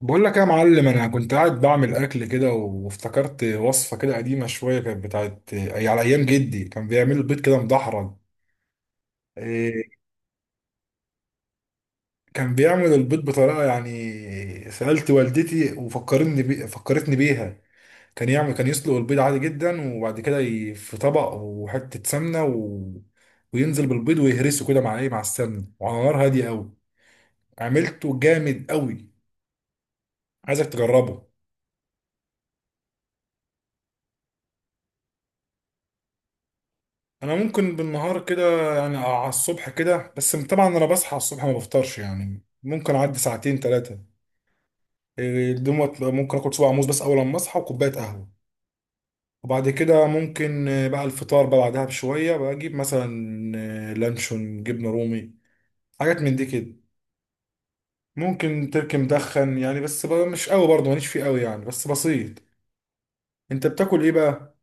بقول لك يا معلم، انا كنت قاعد بعمل اكل كده، وافتكرت وصفه كده قديمه شويه، كانت بتاعت أي على ايام جدي. كان بيعمل البيض كده مدحرج. إيه؟ كان بيعمل البيض بطريقه. يعني سالت والدتي وفكرتني فكرتني بيها. كان يسلق البيض عادي جدا، وبعد كده في طبق، وحته سمنه. وينزل بالبيض ويهرسه كده مع ايه، مع السمنه، وعلى نار هاديه قوي. عملته جامد قوي، عايزك تجربه. انا ممكن بالنهار كده يعني، على الصبح كده، بس طبعا انا بصحى على الصبح ما بفطرش، يعني ممكن اعدي ساعتين 3 دوت. ممكن اكل صباع موز بس اول ما اصحى وكوبايه قهوه، وبعد كده ممكن بقى الفطار بقى بعدها بشويه، بجيب مثلا لانشون، جبنه رومي، حاجات من دي كده. ممكن تركي مدخن يعني، بس بقى مش قوي، برضه ماليش فيه قوي يعني، بس بسيط. انت بتاكل ايه بقى؟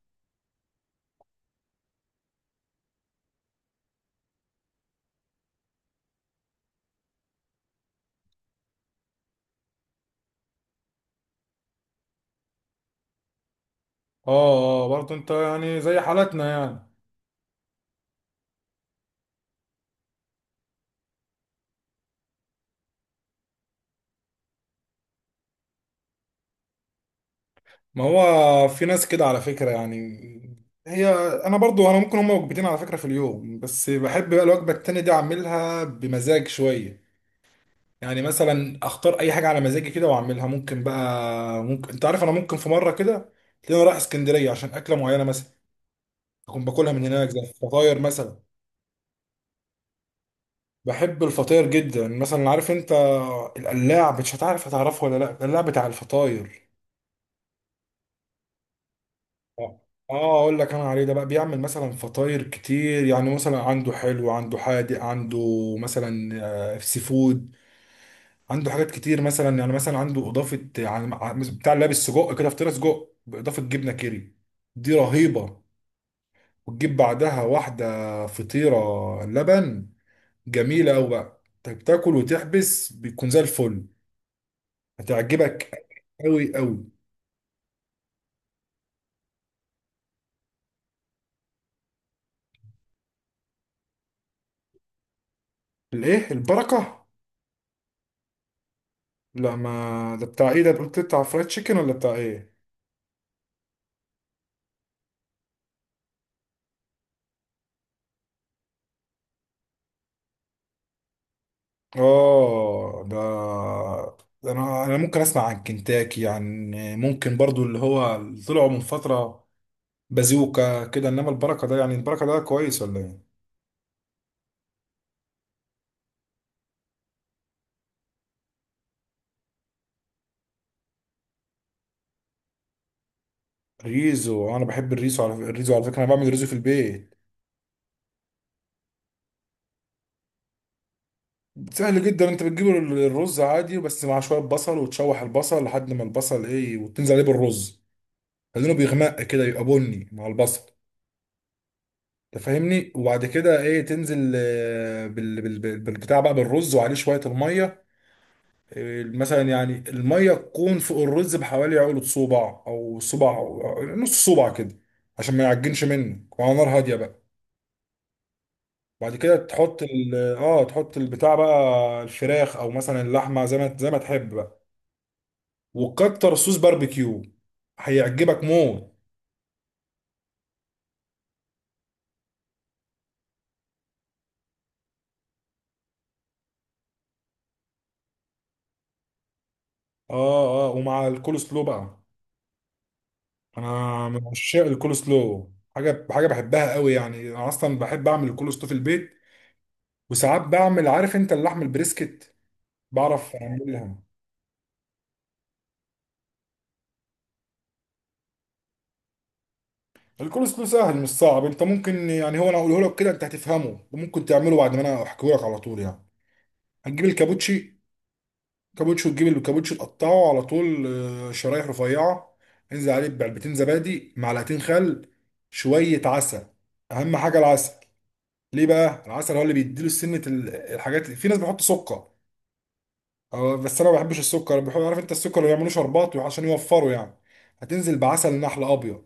اه، اه، برضه انت يعني زي حالتنا يعني. ما هو في ناس كده على فكرة يعني. هي انا برضو، ممكن هما وجبتين على فكرة في اليوم، بس بحب بقى الوجبة التانية دي اعملها بمزاج شوية. يعني مثلا اختار اي حاجة على مزاجي كده واعملها. ممكن بقى، ممكن انت عارف، انا ممكن في مرة كده تلاقيني رايح اسكندرية عشان اكلة معينة مثلا، اكون باكلها من هناك زي الفطاير مثلا. بحب الفطاير جدا مثلا. عارف انت القلاع؟ مش هتعرف، هتعرفه ولا لا؟ القلاع بتاع الفطاير. اه. اقول لك انا عليه ده بقى. بيعمل مثلا فطاير كتير، يعني مثلا عنده حلو، عنده حادق، عنده مثلا سي فود. عنده حاجات كتير، مثلا يعني مثلا عنده اضافه، يعني بتاع اللي لابس سجق كده، فطيره سجق باضافه جبنه كيري، دي رهيبه. وتجيب بعدها واحده فطيره لبن. جميله قوي بقى، انت بتاكل وتحبس، بيكون زي الفل. هتعجبك قوي قوي. الايه البركه؟ لا، ما ده بتاع ايه؟ ده قلت بتاع فرايد تشيكن ولا بتاع ايه؟ اه، ده انا ممكن اسمع عن كنتاكي يعني، ممكن برضو اللي هو اللي طلعوا من فتره بازوكا كده، انما البركه ده، يعني البركه ده كويس ولا ايه؟ ريزو! انا بحب الريزو، على الريزو على فكره، انا بعمل ريزو في البيت. سهل جدا، انت بتجيب الرز عادي بس مع شويه بصل، وتشوح البصل لحد ما البصل ايه، وتنزل عليه بالرز، لانه بيغمق كده يبقى بني مع البصل، تفهمني. وبعد كده ايه، تنزل بالبتاع بقى بالرز، وعليه شويه الميه، مثلا يعني الميه تكون فوق الرز بحوالي عقله صباع او صباع أو نص صباع كده، عشان ما يعجنش منك، وعلى نار هاديه بقى. بعد كده تحط ال اه تحط البتاع بقى الفراخ او مثلا اللحمه، زي ما تحب بقى. وكتر صوص باربيكيو، هيعجبك موت. اه، اه، ومع الكول سلو بقى. انا من عشاق الكول سلو، حاجه بحبها قوي يعني، انا اصلا بحب اعمل الكول سلو في البيت. وساعات بعمل، عارف انت اللحم البريسكت؟ بعرف اعملها. الكورس كله سهل، مش صعب. انت ممكن، يعني هو انا اقوله لك كده انت هتفهمه، وممكن تعمله بعد ما انا احكيه لك على طول يعني. هتجيب الكابوتشي. كابوتشي، وتجيب الكابوتشي تقطعه على طول شرايح رفيعه. انزل عليه بعلبتين زبادي، معلقتين خل، شويه عسل. اهم حاجه العسل. ليه بقى العسل؟ هو اللي بيديله سنه الحاجات. في ناس بيحط سكر، بس انا ما بحبش السكر، بحب، عارف انت السكر اللي ما يعملوش شربات عشان يوفروا يعني. هتنزل بعسل نحل ابيض،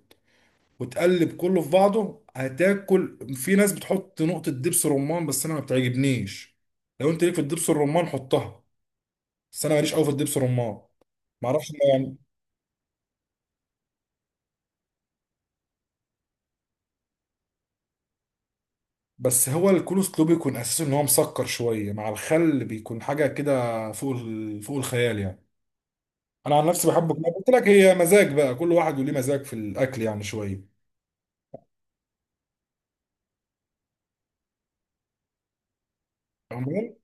وتقلب كله في بعضه. هتاكل، في ناس بتحط نقطة دبس رمان بس انا ما بتعجبنيش. لو انت ليك في الدبس الرمان حطها، بس انا ماليش قوي في الدبس الرمان. ما اعرفش ما يعني. بس هو الكولسلو بيكون اساسه ان هو مسكر شوية مع الخل، بيكون حاجة كده فوق فوق الخيال يعني. انا عن نفسي بحب، قلت لك هي مزاج بقى، كل واحد وليه مزاج في الاكل، يعني شوية. تمام.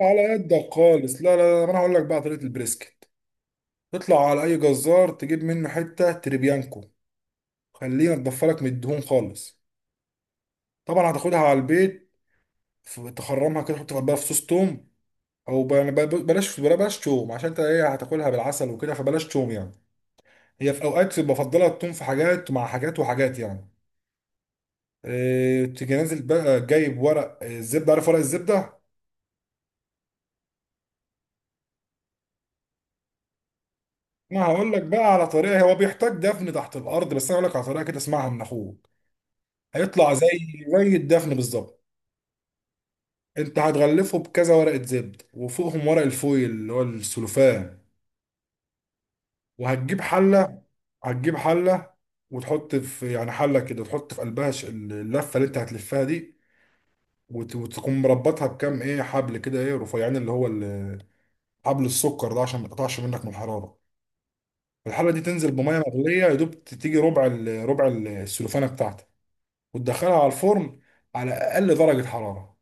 على قدك خالص. لا، لا، لا، ما انا هقول لك بقى طريقة البريسكت. تطلع على اي جزار تجيب منه حتة تريبيانكو، خلينا تضفى لك من الدهون خالص. طبعا هتاخدها على البيت. تخرمها كده، تحط بقى في صوص توم. او بلاش، بلاش توم، عشان انت ايه، هتاكلها بالعسل وكده، فبلاش توم يعني. هي في اوقات بفضلها التوم في حاجات مع حاجات وحاجات يعني. تيجي نازل بقى جايب ورق الزبده. عارف ورق الزبده؟ ما هقول لك بقى على طريقه، هو بيحتاج دفن تحت الارض، بس انا هقول لك على طريقه كده، اسمعها من اخوك. هيطلع زي الدفن بالظبط. انت هتغلفه بكذا ورقه زبد، وفوقهم ورق الفويل اللي هو السلوفان. وهتجيب حله. هتجيب حله وتحط في، يعني حله كده، تحط في قلبها اللفه اللي انت هتلفها دي. وت- وتقوم مربطها بكام حبل كده، ايه رفيعين اللي هو حبل السكر ده، عشان ما يتقطعش منك من الحراره. الحله دي تنزل بميه مغليه، يا دوب تيجي ربع السلوفانه بتاعتك، وتدخلها على الفرن على اقل درجه حراره،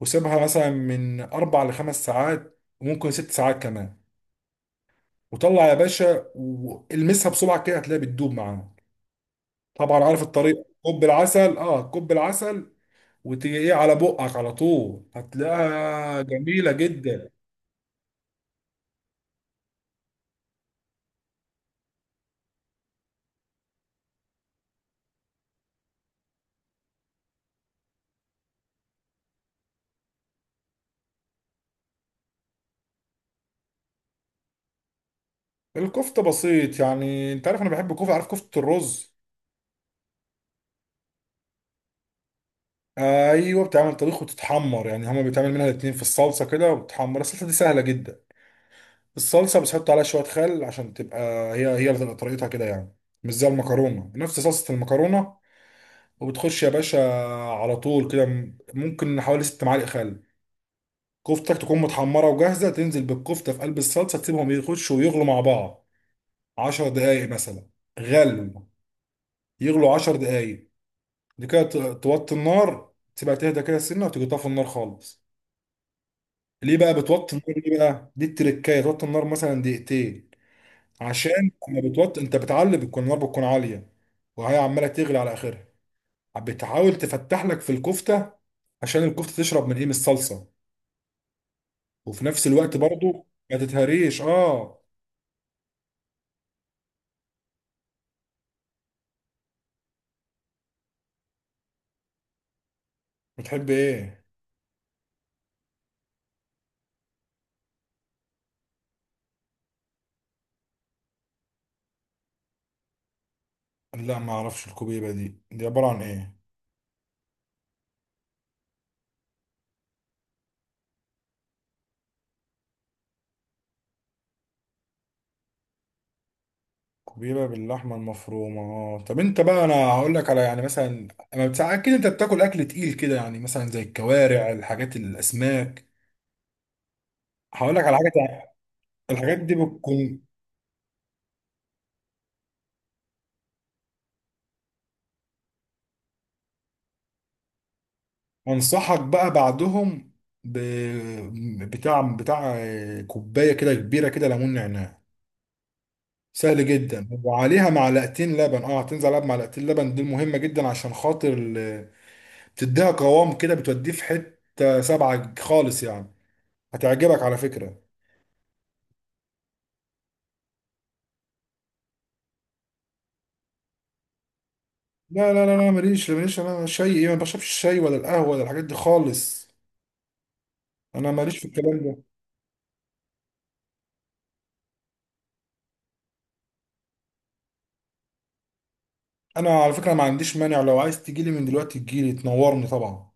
وسيبها مثلا من 4 لخمس ساعات، وممكن 6 ساعات كمان. وطلع يا باشا، والمسها بسرعه كده، هتلاقيها بتدوب معاك. طبعا عارف الطريقه. كوب العسل، وتيجي على بقك على طول، هتلاقيها جميله جدا. الكفته بسيط، يعني انت عارف انا بحب الكفته. عارف كفته الرز؟ ايوه بتعمل طبيخ وتتحمر، يعني هما بيتعمل منها الاتنين في الصلصه كده، وبتحمر. الصلصه دي سهله جدا، الصلصه بس حط عليها شويه خل، عشان تبقى، هي هي اللي تبقى طريقتها كده يعني، مش زي المكرونه، نفس صلصه المكرونه. وبتخش يا باشا على طول كده، ممكن حوالي 6 معالق خل. كفتك تكون متحمرة وجاهزة، تنزل بالكفتة في قلب الصلصة، تسيبهم يخشوا ويغلوا مع بعض 10 دقايق مثلا. غلو يغلوا 10 دقايق. دي كده توطي النار، تسيبها تهدى كده سنة، وتيجي طافي النار خالص. ليه بقى بتوطي النار؟ ليه بقى؟ دي التركاية، توطي النار مثلا دقيقتين، عشان لما بتوطي انت بتعلي، بتكون النار بتكون عالية، وهي عمالة تغلي على آخرها، بتحاول تفتح لك في الكفتة، عشان الكفتة تشرب من ايه، من الصلصة، وفي نفس الوقت برضو ما تتهريش. اه. بتحب ايه؟ لا، ما اعرفش الكوبيبه دي، دي عباره عن ايه؟ كوبيبه باللحمه المفرومه، اه. طب انت بقى انا هقول لك على، يعني مثلا، اما بتاع، اكيد انت بتاكل اكل تقيل كده، يعني مثلا زي الكوارع، الحاجات، الاسماك. هقول لك على حاجه الحاجات دي بتكون. انصحك بقى بعدهم ب... بتاع بتاع كوبايه كده كبيره كده ليمون نعناع. سهل جدا، وعليها معلقتين لبن، اه هتنزل عليها بمعلقتين لبن، دي مهمه جدا، عشان خاطر بتديها قوام كده، بتوديه في حتة سبعة خالص يعني. هتعجبك على فكرة. لا، لا، لا، لا، ماليش، ماليش، انا شاي ايه؟ ما بشربش الشاي ولا القهوة ولا الحاجات دي خالص، انا ماليش في الكلام ده. انا على فكرة ما عنديش مانع، لو عايز تجيلي من دلوقتي تجيلي، تنورني طبعا.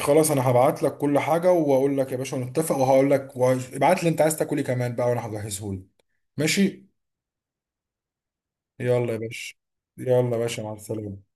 خلاص، انا هبعت لك كل حاجة، واقول لك يا باشا نتفق، وهقول لك ابعت لي انت عايز تاكل ايه كمان بقى، وانا هجهزه لك. ماشي. يلا يا باشا. يلا يا باشا، مع السلامة.